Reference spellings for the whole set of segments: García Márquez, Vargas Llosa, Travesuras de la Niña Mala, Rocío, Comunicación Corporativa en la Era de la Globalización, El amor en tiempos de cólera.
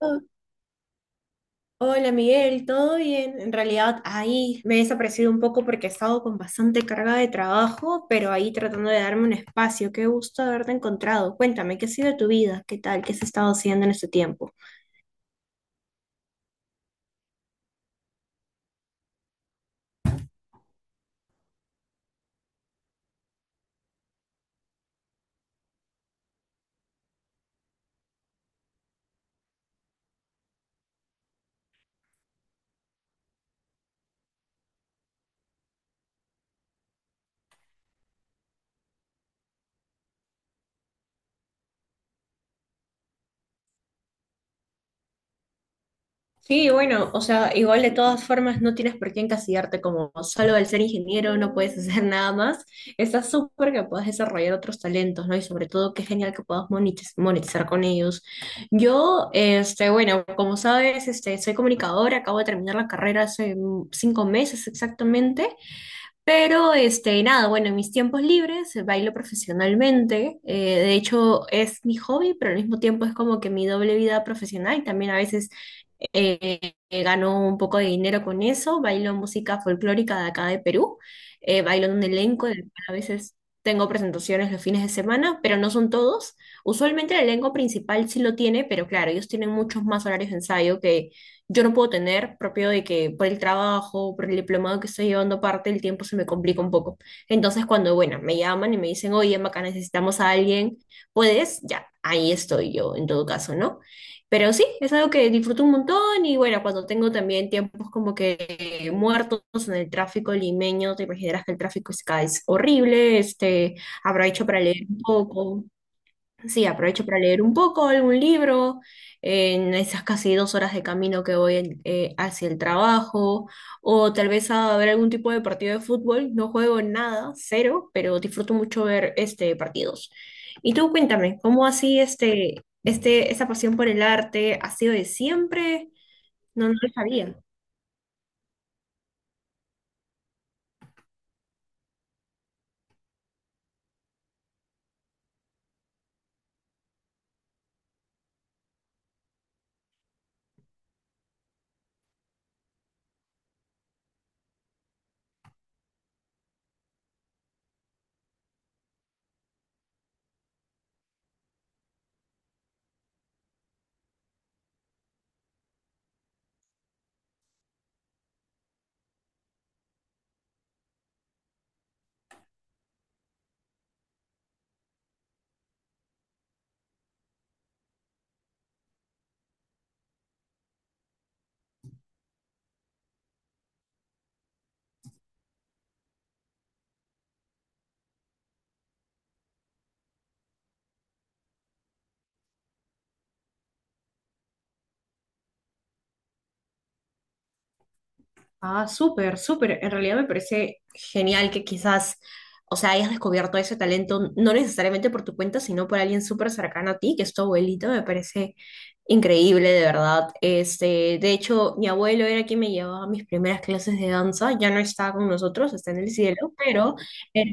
Oh, hola Miguel, ¿todo bien? En realidad ahí me he desaparecido un poco porque he estado con bastante carga de trabajo, pero ahí tratando de darme un espacio. Qué gusto haberte encontrado. Cuéntame, ¿qué ha sido de tu vida? ¿Qué tal? ¿Qué has estado haciendo en este tiempo? Sí, bueno, o sea, igual de todas formas no tienes por qué encasillarte. Como solo al ser ingeniero no puedes hacer nada más. Está súper que puedas desarrollar otros talentos, ¿no? Y sobre todo, qué genial que puedas monetizar con ellos. Yo, este, bueno, como sabes, este, soy comunicadora, acabo de terminar la carrera hace 5 meses exactamente, pero, este, nada, bueno, en mis tiempos libres bailo profesionalmente. De hecho, es mi hobby, pero al mismo tiempo es como que mi doble vida profesional. También a veces ganó un poco de dinero con eso, bailo música folclórica de acá de Perú, bailo en un elenco, del cual a veces tengo presentaciones los fines de semana, pero no son todos. Usualmente el elenco principal sí lo tiene, pero claro, ellos tienen muchos más horarios de ensayo que yo no puedo tener, propio de que por el trabajo, por el diplomado que estoy llevando parte, el tiempo se me complica un poco. Entonces cuando, bueno, me llaman y me dicen, oye, Maca, necesitamos a alguien, ¿puedes? Ya, ahí estoy yo en todo caso, ¿no? Pero sí, es algo que disfruto un montón y bueno, cuando tengo también tiempos como que muertos en el tráfico limeño, te imaginarás que el tráfico es, acá es horrible, este, aprovecho para leer un poco. Sí, aprovecho para leer un poco algún libro en esas casi 2 horas de camino que voy hacia el trabajo, o tal vez a ver algún tipo de partido de fútbol. No juego en nada, cero, pero disfruto mucho ver este partidos. Y tú cuéntame, ¿cómo así esa pasión por el arte ha sido de siempre? No, no lo sabía. Ah, súper, súper. En realidad me parece genial que quizás, o sea, hayas descubierto ese talento, no necesariamente por tu cuenta, sino por alguien súper cercano a ti, que es tu abuelito. Me parece increíble, de verdad. Este, de hecho, mi abuelo era quien me llevaba a mis primeras clases de danza. Ya no está con nosotros, está en el cielo, pero eh,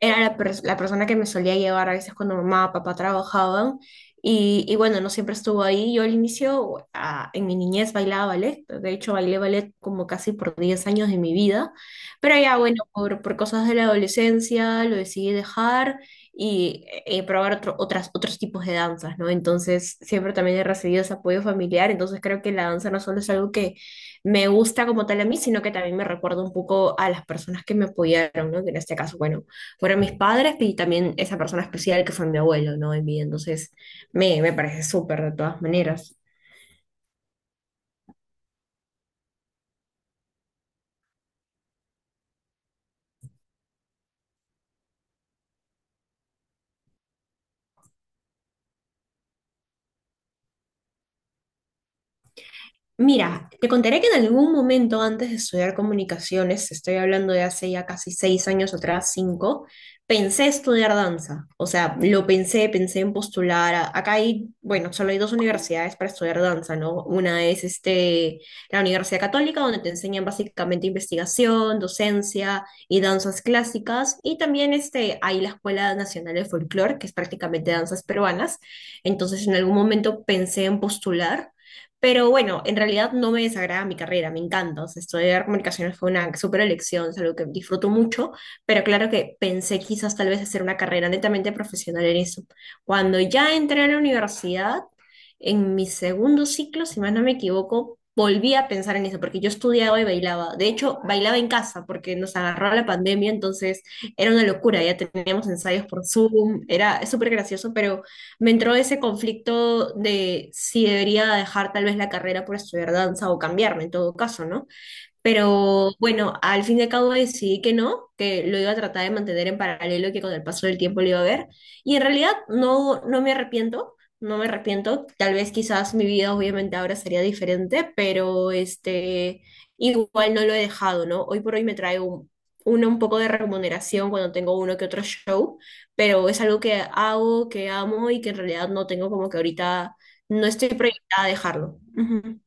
era la persona que me solía llevar a veces cuando mamá o papá trabajaban. Y bueno, no siempre estuvo ahí. Yo al inicio, ah, en mi niñez bailaba ballet. De hecho, bailé ballet como casi por 10 años de mi vida. Pero ya, bueno, por cosas de la adolescencia lo decidí dejar y probar otras, otros tipos de danzas, ¿no? Entonces, siempre también he recibido ese apoyo familiar. Entonces, creo que la danza no solo es algo que me gusta como tal a mí, sino que también me recuerda un poco a las personas que me apoyaron, ¿no? Que en este caso, bueno, fueron mis padres y también esa persona especial que fue mi abuelo, ¿no? En vida. Entonces, me parece súper de todas maneras. Mira, te contaré que en algún momento antes de estudiar comunicaciones, estoy hablando de hace ya casi 6 años atrás, cinco, pensé estudiar danza. O sea, lo pensé, pensé en postular. Acá hay, bueno, solo hay 2 universidades para estudiar danza, ¿no? Una es este, la Universidad Católica, donde te enseñan básicamente investigación, docencia y danzas clásicas. Y también este, hay la Escuela Nacional de Folclore, que es prácticamente danzas peruanas. Entonces, en algún momento pensé en postular. Pero bueno, en realidad no me desagrada mi carrera, me encanta. O sea, estudiar comunicaciones fue una súper elección, es algo que disfruto mucho, pero claro que pensé quizás tal vez hacer una carrera netamente profesional en eso. Cuando ya entré a la universidad, en mi segundo ciclo, si más no me equivoco, volví a pensar en eso, porque yo estudiaba y bailaba. De hecho, bailaba en casa, porque nos agarró la pandemia, entonces era una locura, ya teníamos ensayos por Zoom, era súper gracioso, pero me entró ese conflicto de si debería dejar tal vez la carrera por estudiar danza o cambiarme en todo caso, ¿no? Pero bueno, al fin y al cabo decidí que no, que lo iba a tratar de mantener en paralelo y que con el paso del tiempo lo iba a ver. Y en realidad no, no me arrepiento, no me arrepiento. Tal vez quizás mi vida obviamente ahora sería diferente, pero este, igual no lo he dejado, ¿no? Hoy por hoy me trae una un poco de remuneración cuando tengo uno que otro show, pero es algo que hago, que amo y que en realidad no tengo como que ahorita, no estoy proyectada a dejarlo. Ujú.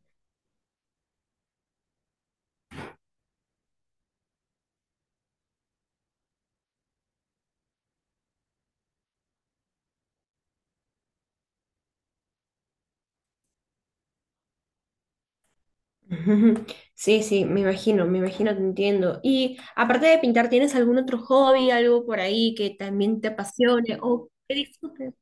Ujú. Sí, sí, me imagino, te entiendo. Y aparte de pintar, ¿tienes algún otro hobby, algo por ahí que también te apasione o que disfrutes?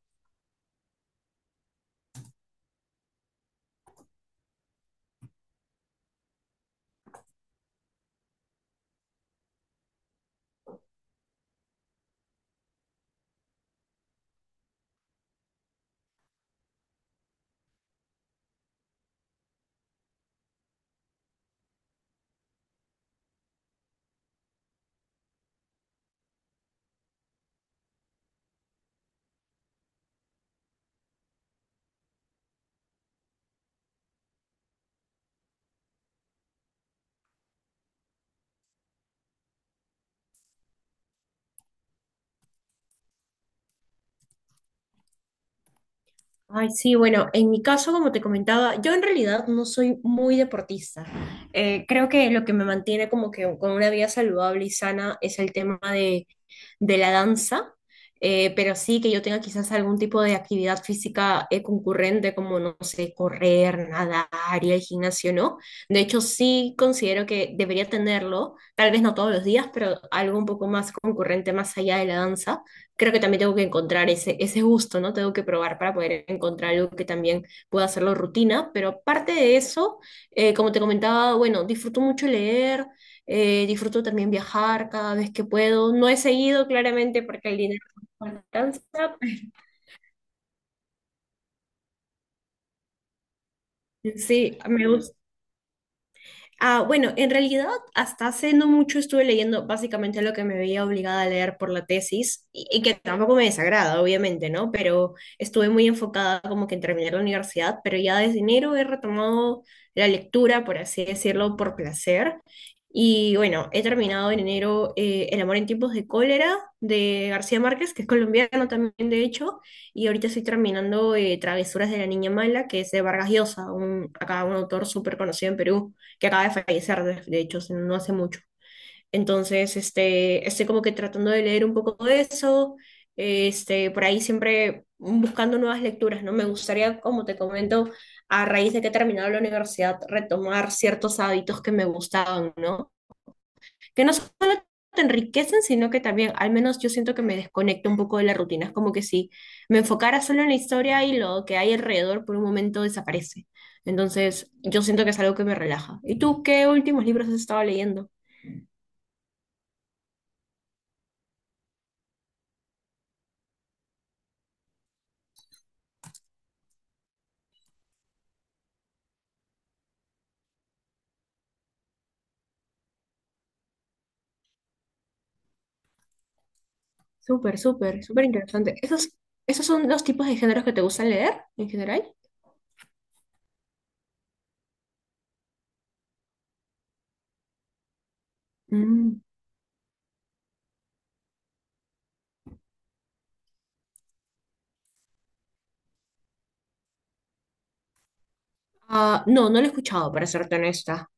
Ay, sí, bueno, en mi caso, como te comentaba, yo en realidad no soy muy deportista. Creo que lo que me mantiene como que con una vida saludable y sana es el tema de la danza. Pero sí que yo tenga quizás algún tipo de actividad física concurrente, como, no sé, correr, nadar, ir al gimnasio, ¿no? De hecho, sí considero que debería tenerlo, tal vez no todos los días, pero algo un poco más concurrente más allá de la danza. Creo que también tengo que encontrar ese gusto, ¿no? Tengo que probar para poder encontrar algo que también pueda hacerlo rutina, pero aparte de eso, como te comentaba, bueno, disfruto mucho leer, disfruto también viajar cada vez que puedo, no he seguido claramente porque el dinero no alcanza, sí, me gusta. Ah, bueno, en realidad hasta hace no mucho estuve leyendo básicamente lo que me veía obligada a leer por la tesis y que tampoco me desagrada, obviamente, ¿no? Pero estuve muy enfocada como que en terminar la universidad, pero ya desde enero he retomado la lectura, por así decirlo, por placer. Y bueno, he terminado en enero El amor en tiempos de cólera de García Márquez, que es colombiano también, de hecho, y ahorita estoy terminando Travesuras de la Niña Mala, que es de Vargas Llosa, un, acá un autor súper conocido en Perú que acaba de fallecer, de hecho, no hace mucho. Entonces, este, estoy como que tratando de leer un poco de eso, este, por ahí siempre buscando nuevas lecturas, ¿no? Me gustaría, como te comento, a raíz de que he terminado la universidad, retomar ciertos hábitos que me gustaban, ¿no? Que no solo te enriquecen, sino que también, al menos yo siento que me desconecto un poco de la rutina. Es como que si me enfocara solo en la historia y lo que hay alrededor por un momento desaparece. Entonces, yo siento que es algo que me relaja. ¿Y tú qué últimos libros has estado leyendo? Súper, súper, súper interesante. ¿Esos, esos son los tipos de géneros que te gustan leer en general? Mm. Ah, no, no lo he escuchado, para serte honesta.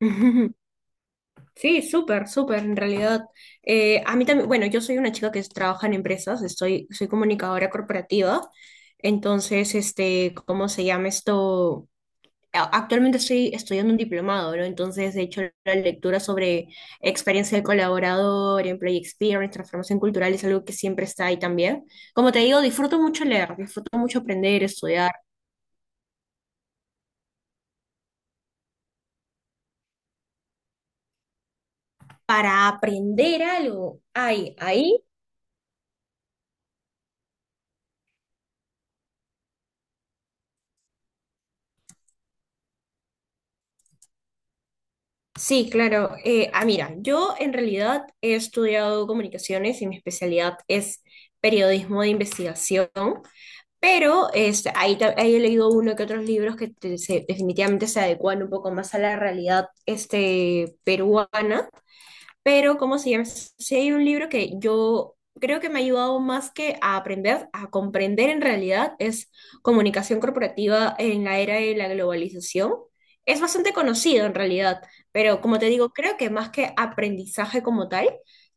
Sí, súper, súper, en realidad. A mí también, bueno, yo soy una chica que trabaja en empresas, estoy, soy comunicadora corporativa, entonces, este, ¿cómo se llama esto? Actualmente estoy estudiando un diplomado, ¿no? Entonces, de hecho la lectura sobre experiencia del colaborador, employee experience, transformación cultural, es algo que siempre está ahí también. Como te digo, disfruto mucho leer, disfruto mucho aprender, estudiar. Para aprender algo, hay ahí. Sí, claro. Ah, mira, yo en realidad he estudiado comunicaciones y mi especialidad es periodismo de investigación, pero este, ahí he leído uno que otros libros que definitivamente se adecuan un poco más a la realidad este, peruana, pero ¿cómo se llama? Sí, hay un libro que yo creo que me ha ayudado más que a aprender, a comprender en realidad, es Comunicación Corporativa en la Era de la Globalización. Es bastante conocido en realidad, pero como te digo, creo que más que aprendizaje como tal,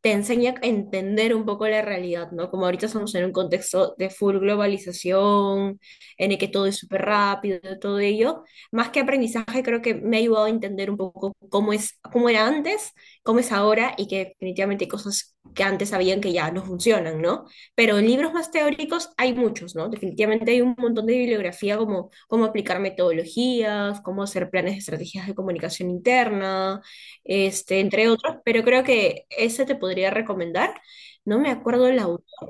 te enseña a entender un poco la realidad, ¿no? Como ahorita estamos en un contexto de full globalización, en el que todo es súper rápido, todo ello, más que aprendizaje, creo que me ha ayudado a entender un poco cómo es, cómo era antes, cómo es ahora y que definitivamente hay cosas que antes sabían que ya no funcionan, ¿no? Pero en libros más teóricos hay muchos, ¿no? Definitivamente hay un montón de bibliografía como cómo aplicar metodologías, cómo hacer planes de estrategias de comunicación interna, este, entre otros, pero creo que ese te podría recomendar. No me acuerdo el autor.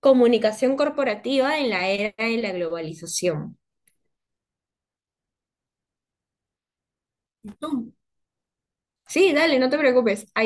Comunicación corporativa en la era de la globalización. No. Sí, dale, no te preocupes. Ahí